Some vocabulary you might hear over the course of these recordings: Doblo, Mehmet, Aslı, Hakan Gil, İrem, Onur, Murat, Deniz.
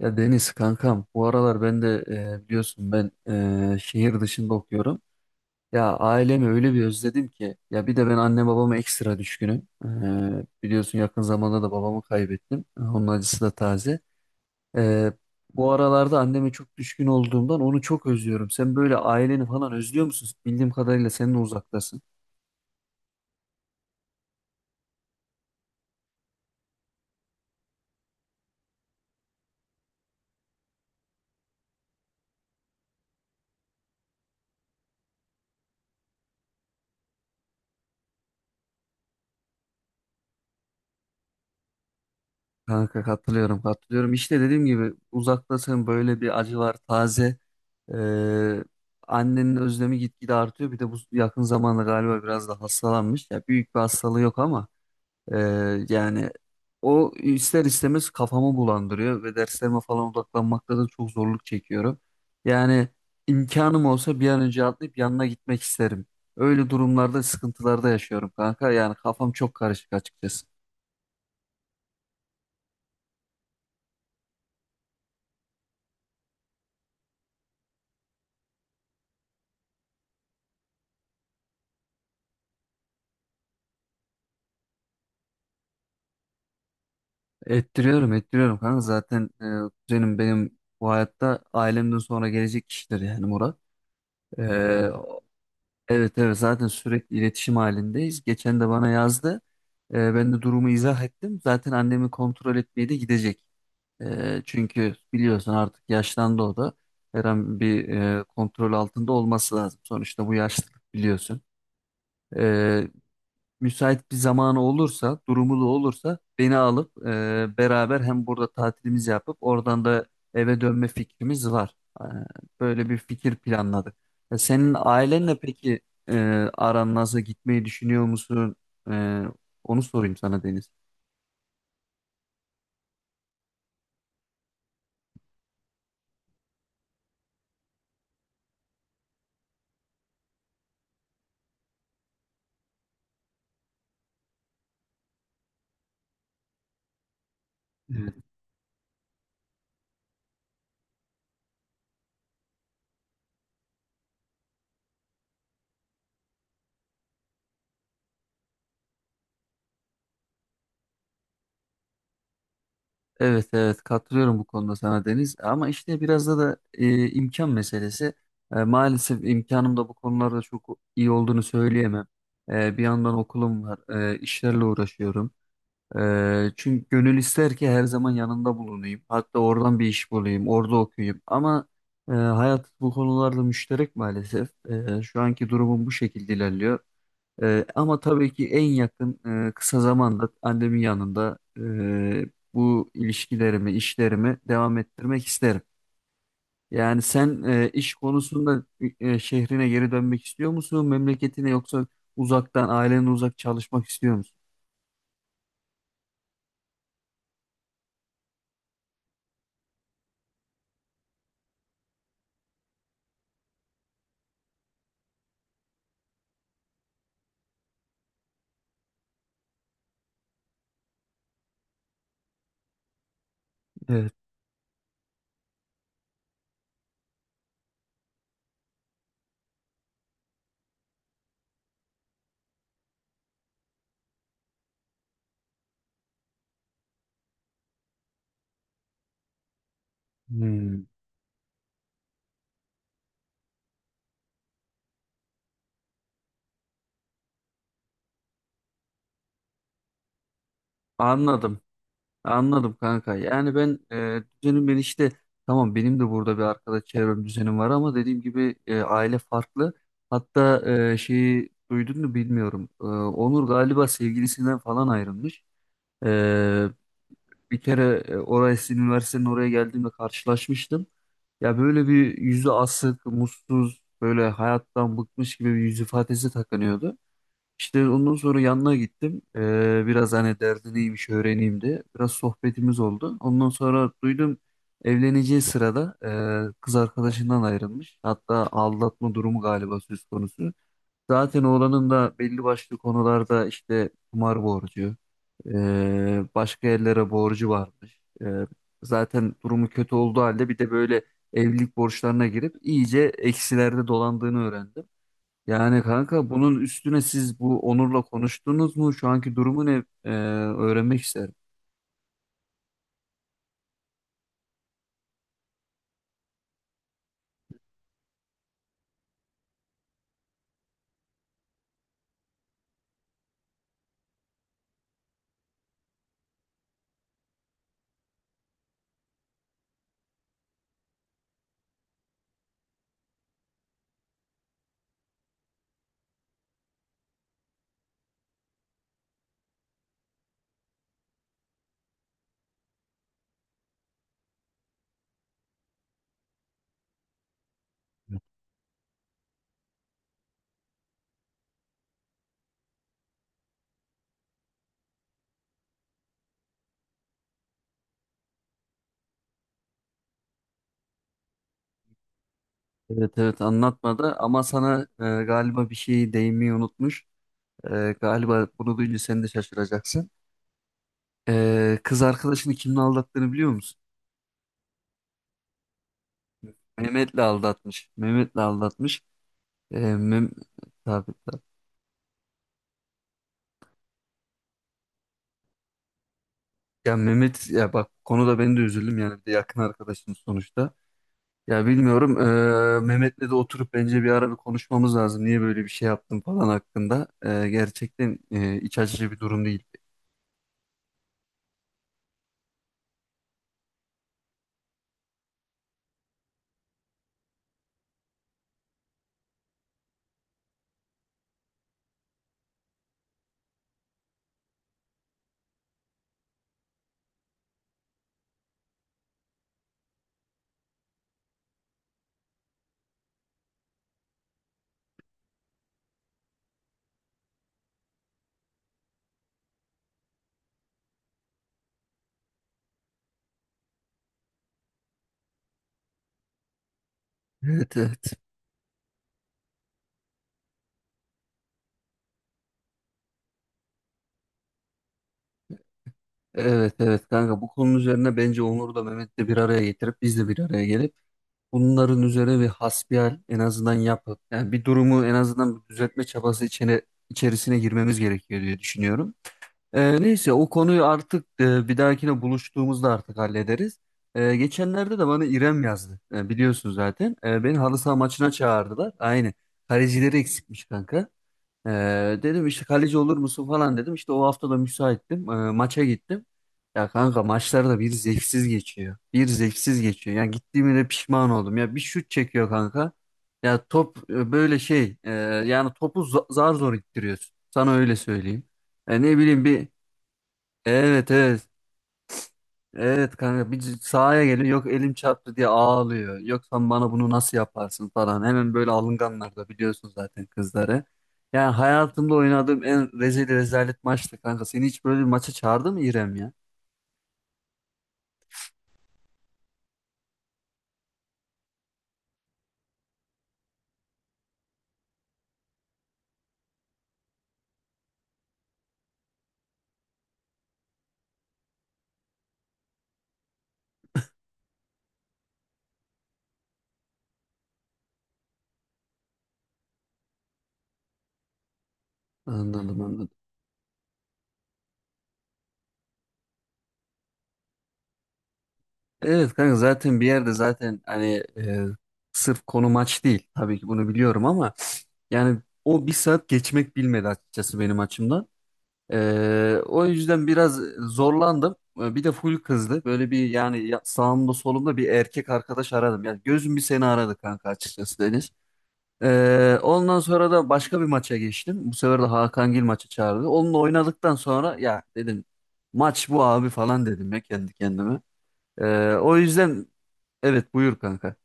Ya Deniz kankam bu aralar ben de biliyorsun ben şehir dışında okuyorum. Ya ailemi öyle bir özledim ki ya bir de ben anne babama ekstra düşkünüm. Biliyorsun yakın zamanda da babamı kaybettim. Onun acısı da taze. E, Bu aralarda anneme çok düşkün olduğumdan onu çok özlüyorum. Sen böyle aileni falan özlüyor musun? Bildiğim kadarıyla sen de uzaktasın. Kanka katılıyorum, katılıyorum. İşte dediğim gibi uzaktasın, böyle bir acı var taze. Ee, Annenin özlemi gitgide artıyor. Bir de bu yakın zamanda galiba biraz da hastalanmış. Ya büyük bir hastalığı yok ama yani o ister istemez kafamı bulandırıyor ve derslerime falan odaklanmakta da çok zorluk çekiyorum. Yani imkanım olsa bir an önce atlayıp yanına gitmek isterim. Öyle durumlarda sıkıntılarda yaşıyorum kanka. Yani kafam çok karışık açıkçası. Ettiriyorum, ettiriyorum kanka. Zaten kuzenim benim bu hayatta ailemden sonra gelecek kişidir yani Murat. E, evet, evet, zaten sürekli iletişim halindeyiz. Geçen de bana yazdı. Ben de durumu izah ettim. Zaten annemi kontrol etmeye de gidecek. Çünkü biliyorsun artık yaşlandı o da. Her an bir kontrol altında olması lazım. Sonuçta bu yaşlılık biliyorsun. E, Müsait bir zamanı olursa, durumu olursa beni alıp beraber hem burada tatilimizi yapıp oradan da eve dönme fikrimiz var. E, Böyle bir fikir planladık. Senin ailenle peki e, aran nasıl, gitmeyi düşünüyor musun? E, Onu sorayım sana Deniz. Evet. Evet, evet, katılıyorum bu konuda sana Deniz ama işte biraz da imkan meselesi. Maalesef imkanım da bu konularda çok iyi olduğunu söyleyemem. Bir yandan okulum var, işlerle uğraşıyorum. Çünkü gönül ister ki her zaman yanında bulunayım. Hatta oradan bir iş bulayım, orada okuyayım. Ama hayat bu konularda müşterek maalesef. Şu anki durumum bu şekilde ilerliyor. Ama tabii ki en yakın kısa zamanda annemin yanında bu ilişkilerimi, işlerimi devam ettirmek isterim. Yani sen iş konusunda şehrine geri dönmek istiyor musun, memleketine, yoksa uzaktan, ailenin uzak çalışmak istiyor musun? Evet. Hmm. Anladım. Anladım kanka. Yani ben e, düzenim ben işte tamam, benim de burada bir arkadaş çevrem, düzenim var ama dediğim gibi aile farklı. Hatta şeyi duydun mu bilmiyorum. Onur galiba sevgilisinden falan ayrılmış. E, Bir kere oraya, sizin üniversitenin oraya geldiğimde karşılaşmıştım. Ya böyle bir yüzü asık, mutsuz, böyle hayattan bıkmış gibi bir yüz ifadesi takınıyordu. İşte ondan sonra yanına gittim. Biraz hani derdi neymiş öğreneyim diye. Biraz sohbetimiz oldu. Ondan sonra duydum evleneceği sırada kız arkadaşından ayrılmış. Hatta aldatma durumu galiba söz konusu. Zaten oğlanın da belli başlı konularda işte kumar borcu, e, başka yerlere borcu varmış. Zaten durumu kötü olduğu halde bir de böyle evlilik borçlarına girip iyice eksilerde dolandığını öğrendim. Yani kanka, bunun üstüne siz bu Onur'la konuştunuz mu? Şu anki durumu ne? Öğrenmek isterim. Evet, evet, anlatmadı ama sana galiba bir şey değinmeyi unutmuş. Galiba bunu duyunca sen de şaşıracaksın. Kız arkadaşını kimle aldattığını biliyor musun? Mehmet'le aldatmış. Mehmet'le aldatmış. Mem Tabii, tabii. Ya Mehmet ya, bak konuda ben de üzüldüm yani, bir de yakın arkadaşım sonuçta. Ya bilmiyorum. Mehmet'le de oturup bence bir ara bir konuşmamız lazım. Niye böyle bir şey yaptın falan hakkında. Gerçekten iç açıcı bir durum değil. Evet, evet. Evet, evet kanka, bu konunun üzerine bence Onur'u da Mehmet'le bir araya getirip biz de bir araya gelip bunların üzerine bir hasbihal en azından yapıp, yani bir durumu en azından bir düzeltme çabası içerisine girmemiz gerekiyor diye düşünüyorum. Neyse, o konuyu artık bir dahakine buluştuğumuzda artık hallederiz. Geçenlerde de bana İrem yazdı. Biliyorsun zaten. Beni halı saha maçına çağırdılar. Aynı. Kalecileri eksikmiş kanka. Ee, Dedim işte kaleci olur musun falan dedim. İşte o hafta da müsaittim. Maça gittim. Ya kanka, maçlar da bir zevksiz geçiyor. Bir zevksiz geçiyor. Yani gittiğime de pişman oldum. Ya bir şut çekiyor kanka. Ya top yani topu zar zor ittiriyorsun. Sana öyle söyleyeyim. E, ne bileyim bir Evet, evet. Evet kanka, bir sahaya geliyor yok elim çarptı diye ağlıyor. Yok sen bana bunu nasıl yaparsın falan. Hemen böyle alınganlar da biliyorsun zaten kızları. Yani hayatımda oynadığım en rezil rezalet maçtı kanka. Seni hiç böyle bir maça çağırdı mı İrem ya? Anladım, anladım. Evet kanka, zaten bir yerde zaten hani sırf konu maç değil. Tabii ki bunu biliyorum ama yani o bir saat geçmek bilmedi açıkçası benim açımdan. O yüzden biraz zorlandım. Bir de full kızdı. Böyle bir yani sağımda solumda bir erkek arkadaş aradım. Yani gözüm bir seni aradı kanka, açıkçası Deniz. Ondan sonra da başka bir maça geçtim. Bu sefer de Hakan Gil maçı çağırdı. Onunla oynadıktan sonra ya dedim, maç bu abi falan dedim ya kendi kendime. O yüzden Evet, buyur kanka.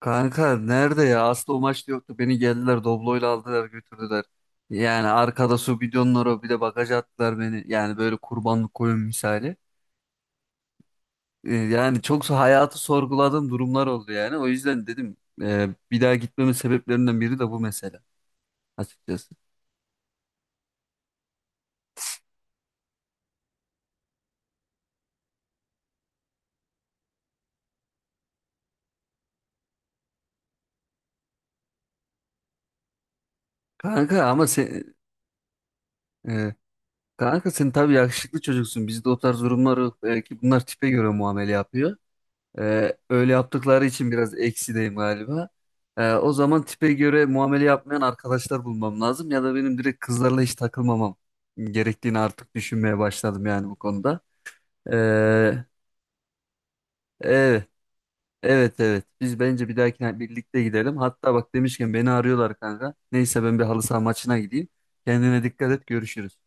Kanka nerede ya? Aslı o maçta yoktu. Beni geldiler Doblo'yla aldılar götürdüler. Yani arkada su bidonları, bir de bagaja attılar beni. Yani böyle kurbanlık koyun misali. Yani çok hayatı sorguladığım durumlar oldu yani. O yüzden dedim bir daha gitmemin sebeplerinden biri de bu mesele açıkçası. Kanka ama sen e, kanka sen tabii yakışıklı çocuksun. Bizde o tarz durumlar yok. Belki bunlar tipe göre muamele yapıyor. Öyle yaptıkları için biraz eksideyim galiba. O zaman tipe göre muamele yapmayan arkadaşlar bulmam lazım ya da benim direkt kızlarla hiç takılmamam gerektiğini artık düşünmeye başladım yani bu konuda. Ee, evet, evet. Biz bence bir dahakine birlikte gidelim. Hatta bak demişken beni arıyorlar kanka. Neyse ben bir halı saha maçına gideyim. Kendine dikkat et, görüşürüz.